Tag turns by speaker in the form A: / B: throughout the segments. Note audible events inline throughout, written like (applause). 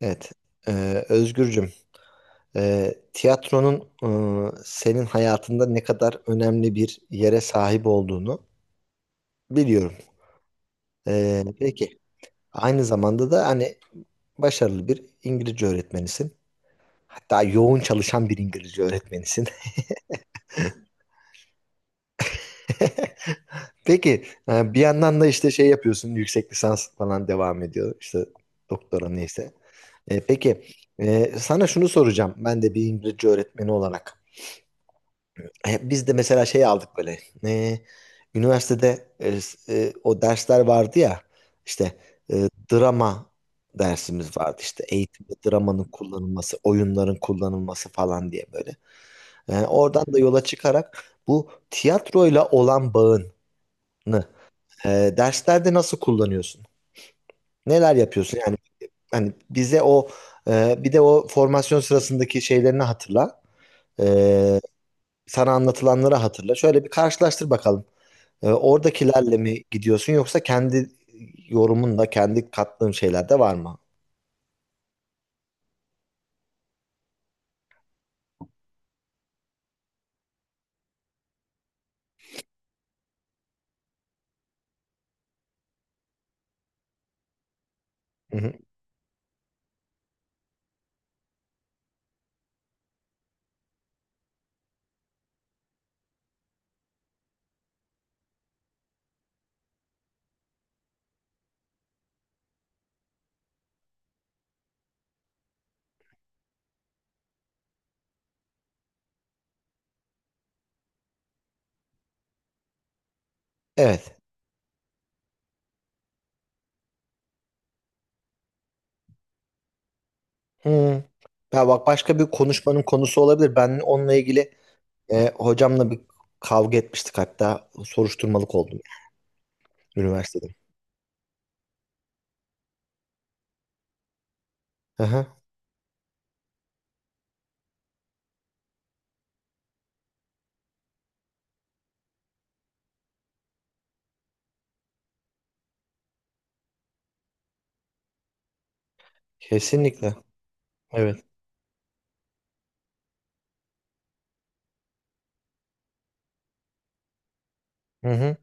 A: Evet. Özgürcüm, tiyatronun senin hayatında ne kadar önemli bir yere sahip olduğunu biliyorum. Peki, aynı zamanda da hani başarılı bir İngilizce öğretmenisin. Hatta yoğun çalışan bir İngilizce öğretmenisin. (laughs) Peki, bir yandan da işte şey yapıyorsun, yüksek lisans falan devam ediyor. İşte doktora neyse. Peki, sana şunu soracağım. Ben de bir İngilizce öğretmeni olarak. Biz de mesela şey aldık böyle. e, Üniversitede o dersler vardı ya. İşte e, drama dersimiz vardı. İşte eğitimde dramanın kullanılması, oyunların kullanılması falan diye böyle. Oradan da yola çıkarak bu tiyatroyla olan bağını derslerde nasıl kullanıyorsun? Neler yapıyorsun? Yani hani bize o, bir de o formasyon sırasındaki şeylerini hatırla. E, Sana anlatılanları hatırla. Şöyle bir karşılaştır bakalım. Oradakilerle mi gidiyorsun yoksa kendi yorumunla kendi kattığın şeyler de var mı? Hı hı. Evet. Hı. Ya bak, başka bir konuşmanın konusu olabilir. Ben onunla ilgili hocamla bir kavga etmiştik, hatta soruşturmalık oldum üniversitede. Hı hı. Kesinlikle. Evet. Hı hı.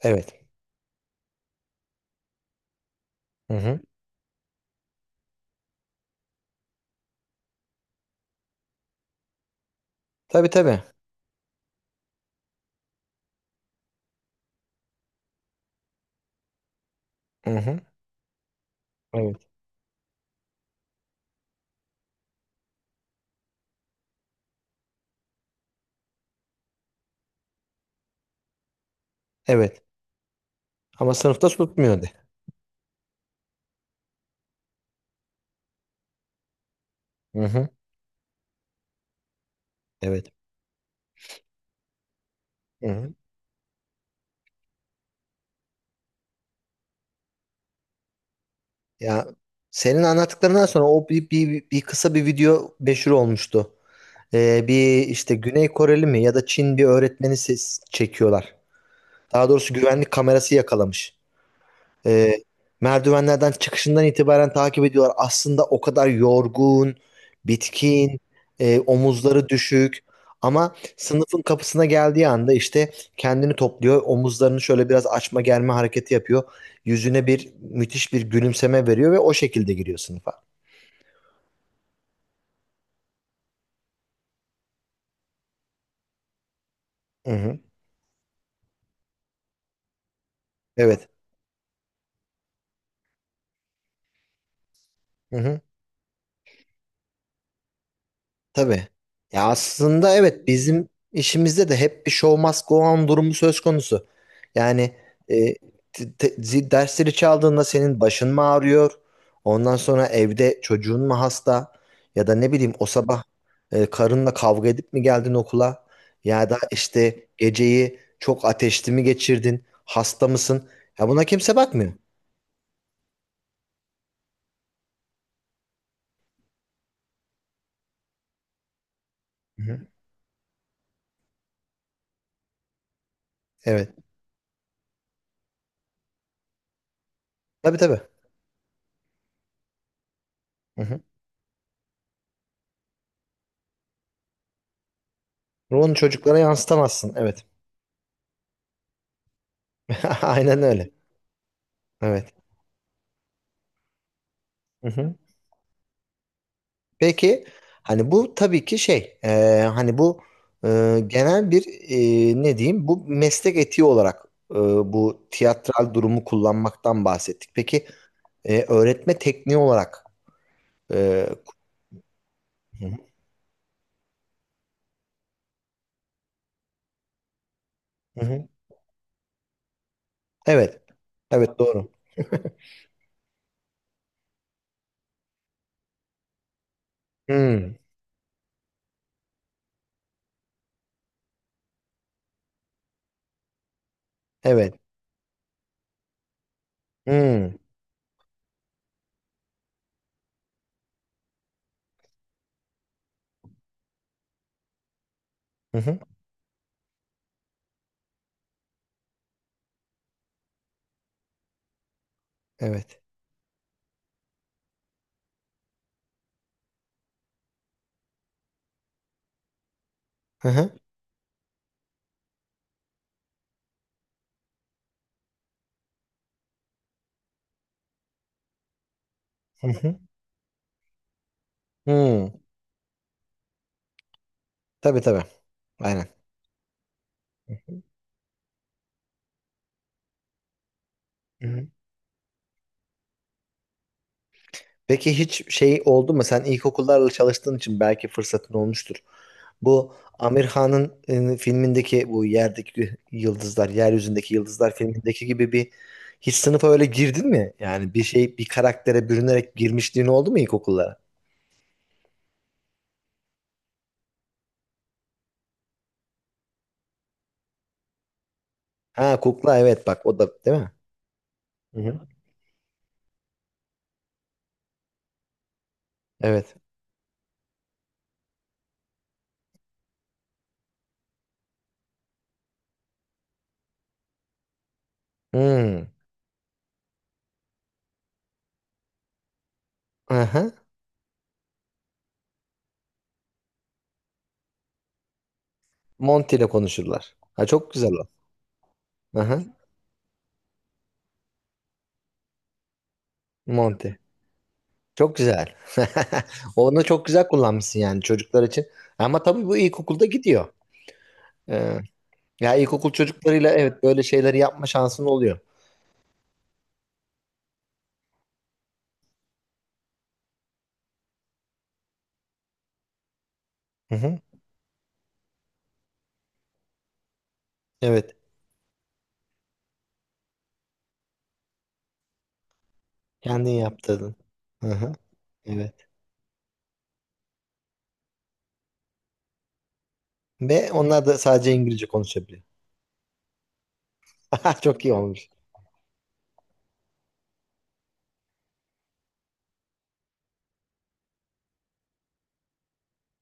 A: Evet. Hı hı. Tabii tabii. Hı hı. Evet. Evet. Ama sınıfta tutmuyordu. Hı hı. Evet. Hı hı. Ya, senin anlattıklarından sonra o bir kısa bir video meşhur olmuştu. Bir işte Güney Koreli mi ya da Çin bir öğretmeni ses çekiyorlar. Daha doğrusu güvenlik kamerası yakalamış. E, Merdivenlerden çıkışından itibaren takip ediyorlar. Aslında o kadar yorgun, bitkin, omuzları düşük. Ama sınıfın kapısına geldiği anda işte kendini topluyor. Omuzlarını şöyle biraz açma germe hareketi yapıyor. Yüzüne bir müthiş bir gülümseme veriyor ve o şekilde giriyor sınıfa. Hı hı. Evet. Hı hı. Tabii. Ya, aslında evet bizim işimizde de hep bir show must go on durumu söz konusu. Yani e, dersleri çaldığında senin başın mı ağrıyor? Ondan sonra evde çocuğun mu hasta? Ya da ne bileyim, o sabah karınla kavga edip mi geldin okula? Ya da işte geceyi çok ateşli mi geçirdin? Hasta mısın? Ya, buna kimse bakmıyor. Hı-hı. Evet. Tabii tabii. Hı-hı. Bunu çocuklara yansıtamazsın. Evet. (laughs) Aynen öyle. Evet. Hı hı. Peki, hani bu tabii ki şey, hani bu genel bir, ne diyeyim, bu meslek etiği olarak e, bu tiyatral durumu kullanmaktan bahsettik. Peki öğretme tekniği olarak e, Hı hı. Hı hı. Evet, evet, doğru. Hmm, evet. Hmm. Hı hı. Evet. Hı hı. Hı hı. Hmm. Tabii tabii. Aynen. Hı hı. Peki, hiç şey oldu mu? Sen ilkokullarla çalıştığın için belki fırsatın olmuştur. Bu Amir Khan'ın filmindeki bu yerdeki yıldızlar, yeryüzündeki yıldızlar filmindeki gibi bir, hiç sınıfa öyle girdin mi? Yani bir şey, bir karaktere bürünerek girmişliğin oldu mu ilkokullara? Ha, kukla, evet, bak o da değil mi? Hı-hı. Evet. Hmm. Aha. Monty ile konuşurlar. Ha, çok güzel o. Aha. Monty. Çok güzel. (laughs) Onu çok güzel kullanmışsın yani çocuklar için. Ama tabii bu ilkokulda gidiyor. Ee, Ya ilkokul çocuklarıyla evet böyle şeyleri yapma şansın oluyor. Hı hı. Evet. Kendin yaptırdın. Hı hı. Evet. Ve onlar da sadece İngilizce konuşabiliyor. (laughs) Çok iyi olmuş.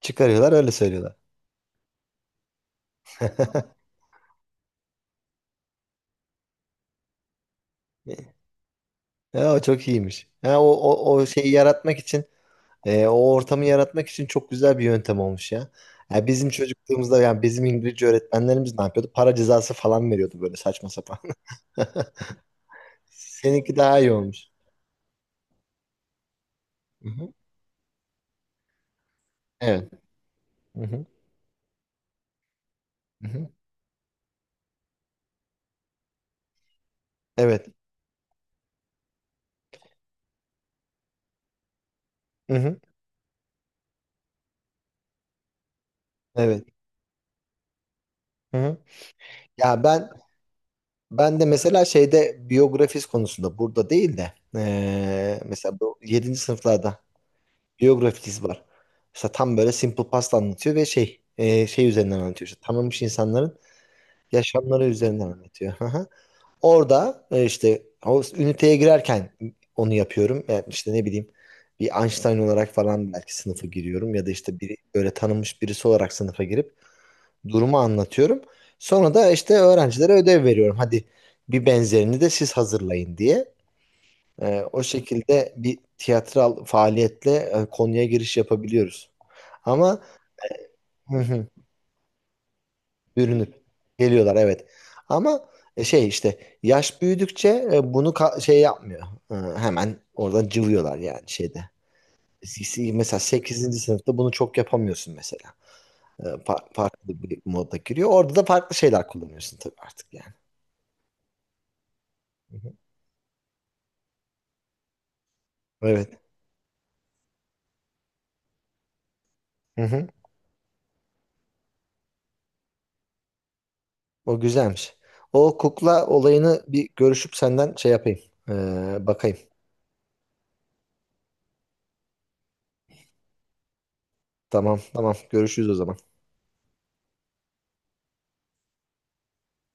A: Çıkarıyorlar, öyle söylüyorlar. Ya, o çok iyiymiş. Ha, o şeyi yaratmak için, o ortamı yaratmak için çok güzel bir yöntem olmuş ya. Ya, bizim çocukluğumuzda yani bizim İngilizce öğretmenlerimiz ne yapıyordu? Para cezası falan veriyordu böyle saçma sapan. (laughs) Seninki daha iyi olmuş. Hı hı. Evet. Hı hı. Hı hı. Evet. Hı hı. Evet. Hı hı. Ya ben de mesela şeyde biyografis konusunda burada değil de, mesela bu yedinci sınıflarda biyografis var. Mesela tam böyle Simple Past anlatıyor ve şey üzerinden anlatıyor. İşte tanınmış insanların yaşamları üzerinden anlatıyor. Hı hı. Orada işte o üniteye girerken onu yapıyorum. Yani işte ne bileyim, bir Einstein olarak falan belki sınıfa giriyorum ya da işte bir böyle tanınmış birisi olarak sınıfa girip durumu anlatıyorum. Sonra da işte öğrencilere ödev veriyorum. Hadi bir benzerini de siz hazırlayın diye. O şekilde bir tiyatral faaliyetle konuya giriş yapabiliyoruz. Ama (laughs) bürünüp geliyorlar, evet. Ama şey işte yaş büyüdükçe bunu şey yapmıyor. Hemen oradan cıvıyorlar yani şeyde. Mesela sekizinci sınıfta bunu çok yapamıyorsun mesela. Farklı bir moda giriyor. Orada da farklı şeyler kullanıyorsun tabii artık yani. Hı hı. Evet. Hı hı. O güzelmiş. O kukla olayını bir görüşüp senden şey yapayım. E, Bakayım. Tamam, tamam, görüşürüz o zaman.